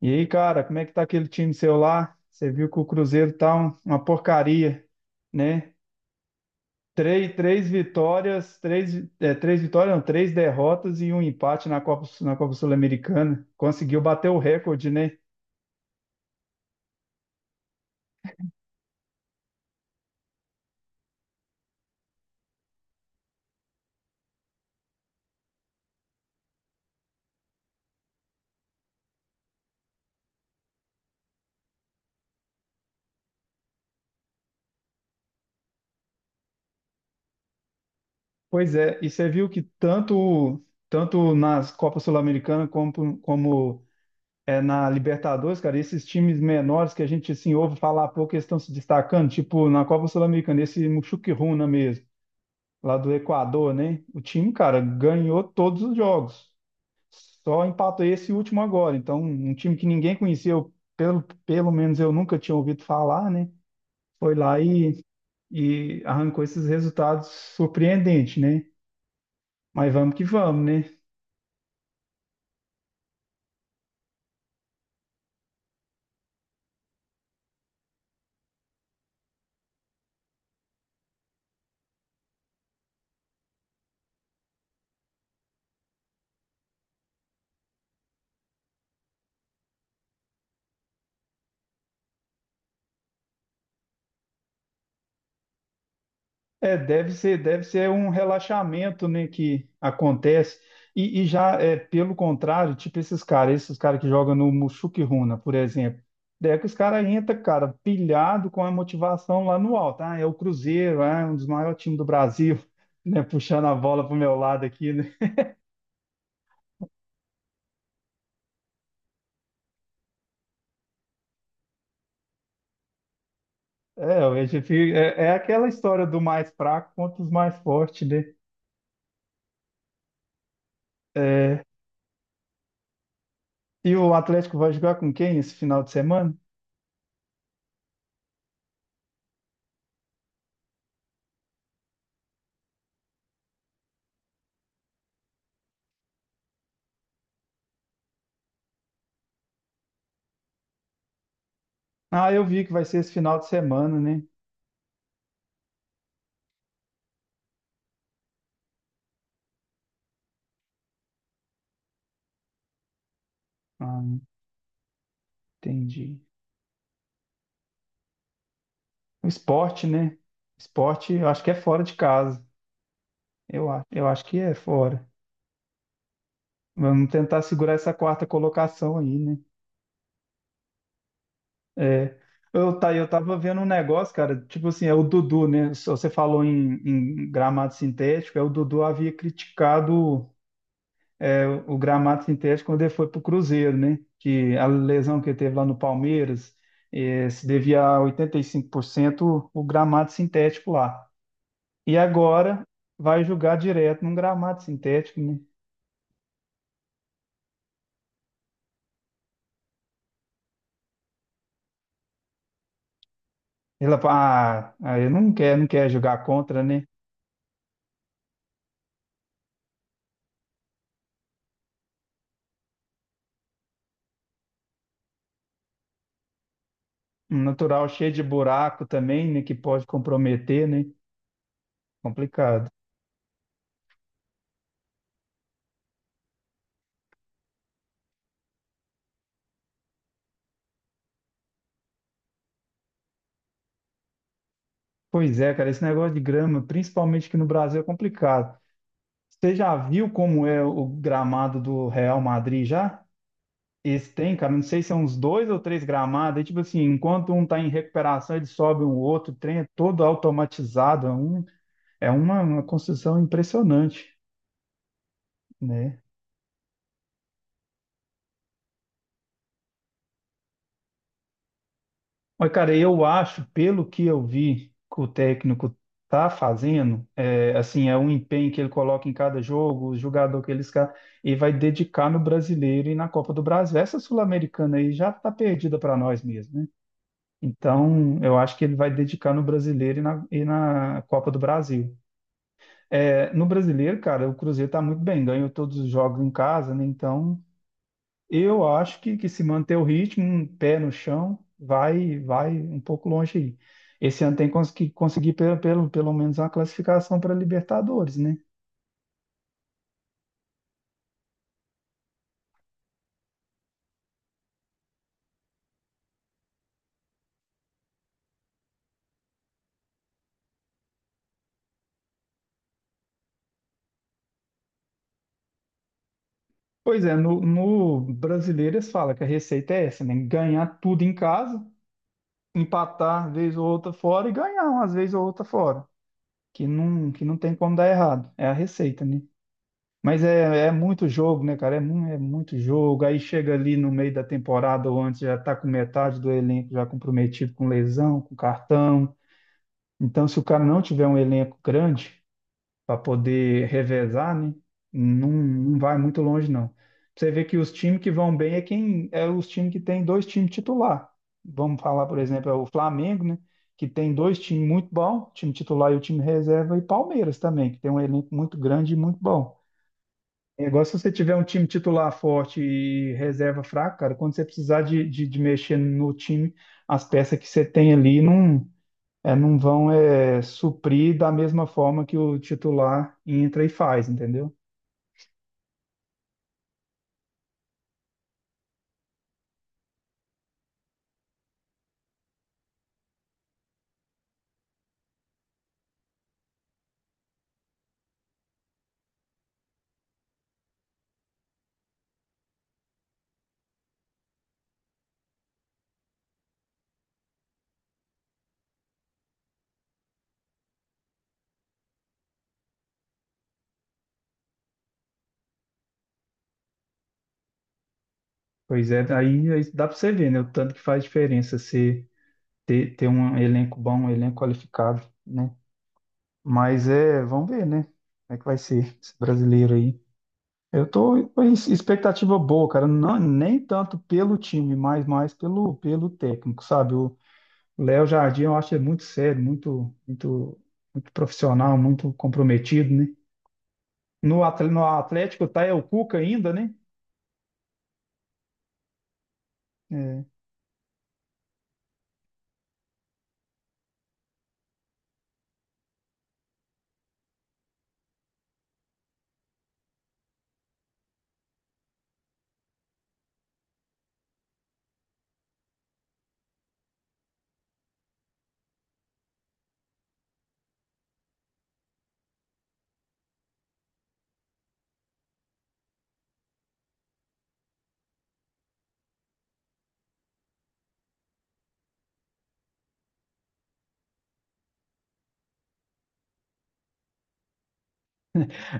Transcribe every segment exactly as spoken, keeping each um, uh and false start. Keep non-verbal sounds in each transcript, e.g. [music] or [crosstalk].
E aí, cara, como é que tá aquele time seu lá? Você viu que o Cruzeiro tá um- uma porcaria, né? Três, três vitórias, três, é, três vitórias, não, três derrotas e um empate na Copa, na Copa Sul-Americana. Conseguiu bater o recorde, né? Pois é, e você viu que tanto, tanto nas Copas Sul-Americana como, como é, na Libertadores, cara, esses times menores que a gente assim, ouve falar pouco, eles estão se destacando, tipo na Copa Sul-Americana, esse Muxuquiruna mesmo, lá do Equador, né? O time, cara, ganhou todos os jogos. Só empatou esse último agora. Então, um time que ninguém conheceu, pelo, pelo menos eu nunca tinha ouvido falar, né? Foi lá e, e arrancou esses resultados surpreendentes, né? Mas vamos que vamos, né? É, deve ser, deve ser um relaxamento, né, que acontece. E, e já é pelo contrário, tipo esses caras, esses caras que jogam no Mushuk-Runa, por exemplo. Daí é que os caras entram, cara, pilhado com a motivação lá no alto. Ah, é o Cruzeiro, ah, é um dos maiores times do Brasil, [laughs] né, puxando a bola pro meu lado aqui, né? É, a gente fica- é, é aquela história do mais fraco contra os mais fortes, né? É, e o Atlético vai jogar com quem esse final de semana? Ah, eu vi que vai ser esse final de semana, né? Ah, entendi. O esporte, né? Esporte, eu acho que é fora de casa. Eu, a- eu acho que é fora. Vamos tentar segurar essa quarta colocação aí, né? É. Eu, tá, eu tava vendo um negócio, cara, tipo assim, é o Dudu, né? Se você falou em, em, gramado sintético, é o Dudu havia criticado, é, o gramado sintético quando ele foi pro Cruzeiro, né? Que a lesão que ele teve lá no Palmeiras, eh, se devia a oitenta e cinco por cento o gramado sintético lá. E agora vai jogar direto num gramado sintético, né? Ela fala, ah, aí não quer, não quer jogar contra, né? Um natural cheio de buraco também, né? Que pode comprometer, né? Complicado. Pois é, cara, esse negócio de grama, principalmente aqui no Brasil, é complicado. Você já viu como é o gramado do Real Madrid já? Esse tem, cara, não sei se são uns dois ou três gramados. É tipo assim, enquanto um tá em recuperação, ele sobe o outro, o trem é todo automatizado. É, um, é uma, uma construção impressionante, né? Mas, cara, eu acho, pelo que eu vi que o técnico tá fazendo, é, assim, é um empenho que ele coloca em cada jogo, o jogador que ele esca- e vai dedicar no Brasileiro e na Copa do Brasil. Essa Sul-Americana aí já tá perdida para nós mesmo, né? Então, eu acho que ele vai dedicar no Brasileiro e na, e na Copa do Brasil. É, no Brasileiro, cara, o Cruzeiro tá muito bem, ganhou todos os jogos em casa, né? Então. Eu acho que, que se manter o ritmo, um pé no chão, vai vai um pouco longe aí. Esse ano tem cons- que conseguir pelo, pelo, pelo menos uma classificação para Libertadores, né? Pois é, no, no brasileiro eles falam que a receita é essa, né? Ganhar tudo em casa, empatar vez ou outra fora e ganhar umas vezes ou outra fora, que não, que não tem como dar errado. É a receita, né? Mas é, é muito jogo, né, cara? É, mu- é muito jogo. Aí chega ali no meio da temporada ou antes, já tá com metade do elenco já comprometido com lesão, com cartão. Então, se o cara não tiver um elenco grande para poder revezar, né, não, não vai muito longe, não. Você vê que os times que vão bem é quem é os times que tem dois times titular. Vamos falar, por exemplo, é o Flamengo, né? Que tem dois times muito bons, time titular e o time reserva, e Palmeiras também, que tem um elenco muito grande e muito bom. É igual se você tiver um time titular forte e reserva fraca, cara, quando você precisar de, de, de mexer no time, as peças que você tem ali não, é, não vão é, suprir da mesma forma que o titular entra e faz, entendeu? Pois é, aí, aí dá pra você ver, né? O tanto que faz diferença você ter, ter um elenco bom, um elenco qualificado, né? Mas é, vamos ver, né? Como é que vai ser esse brasileiro aí? Eu tô com expectativa boa, cara. Não, nem tanto pelo time, mas mais pelo, pelo técnico, sabe? O Léo Jardim eu acho ele muito sério, muito, muito, muito profissional, muito comprometido, né? No Atl- no Atlético tá é o Cuca ainda, né? É,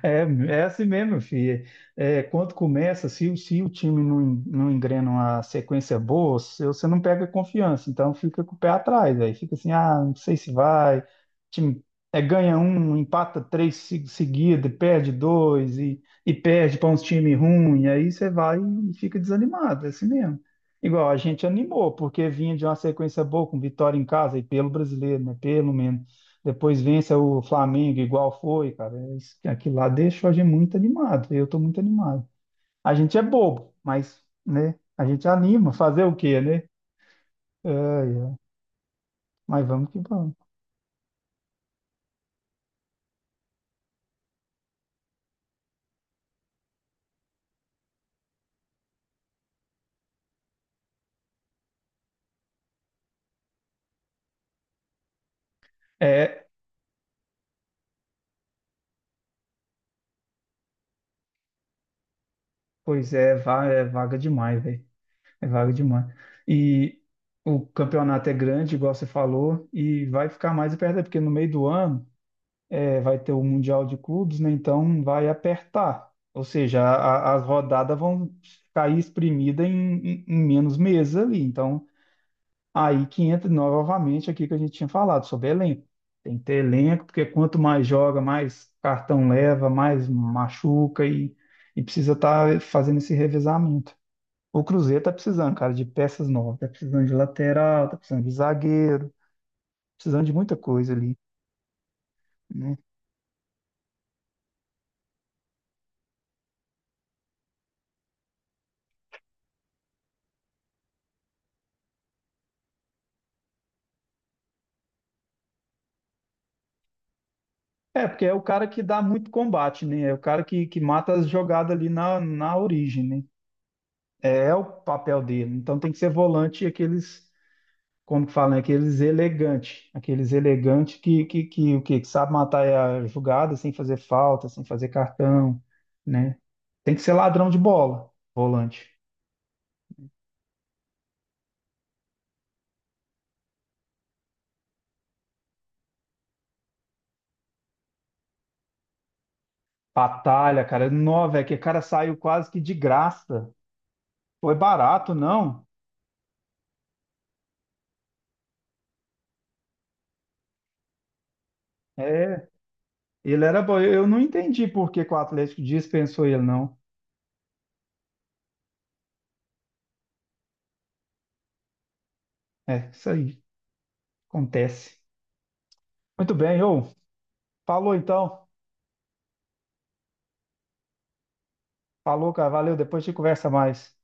é, é assim mesmo, filho. É, é, quando começa, se, o- se o time não, en- não engrena uma sequência boa, se- você não pega confiança. Então fica com o pé atrás, aí fica assim, ah, não sei se vai. Time é, ganha um, empata três se- seguida, perde dois e, e perde para uns times ruins. Aí você vai e fica desanimado, é assim mesmo. Igual a gente animou, porque vinha de uma sequência boa com vitória em casa e pelo brasileiro, né? Pelo menos depois vença o Flamengo igual foi, cara. É isso- Aquilo lá deixa a gente muito animado. Eu tô muito animado. A gente é bobo, mas, né? A gente anima. Fazer o quê, né? Ai, ai. Mas vamos que vamos. É, pois é, va- é vaga demais, velho. É vaga demais. E o campeonato é grande, igual você falou, e vai ficar mais apertado, porque no meio do ano é, vai ter o Mundial de Clubes, né? Então vai apertar. Ou seja, a- a- as rodadas vão cair espremida em, em- em menos meses ali. Então, aí que entra novamente aqui que a gente tinha falado sobre elenco. Tem que ter elenco, porque quanto mais joga, mais cartão leva, mais machuca e, e precisa estar fazendo esse revezamento. O Cruzeiro tá precisando, cara, de peças novas, tá precisando de lateral, tá precisando de zagueiro, precisando de muita coisa ali. É, porque é o cara que dá muito combate, né? É o cara que, que mata as jogadas ali na, na origem, né? É, é o papel dele. Então tem que ser volante aqueles, como que falam, aqueles elegantes. Aqueles elegantes que, que, que, o quê? Que sabe matar a jogada sem fazer falta, sem fazer cartão, né? Tem que ser ladrão de bola, volante. Batalha, cara. É nó, velho, que o cara saiu quase que de graça. Foi barato, não? É, ele era bom. Eu eu não entendi por que que o Atlético dispensou ele, não. É, isso aí acontece. Muito bem, ô. Falou então. Falou, cara. Valeu. Depois a gente conversa mais.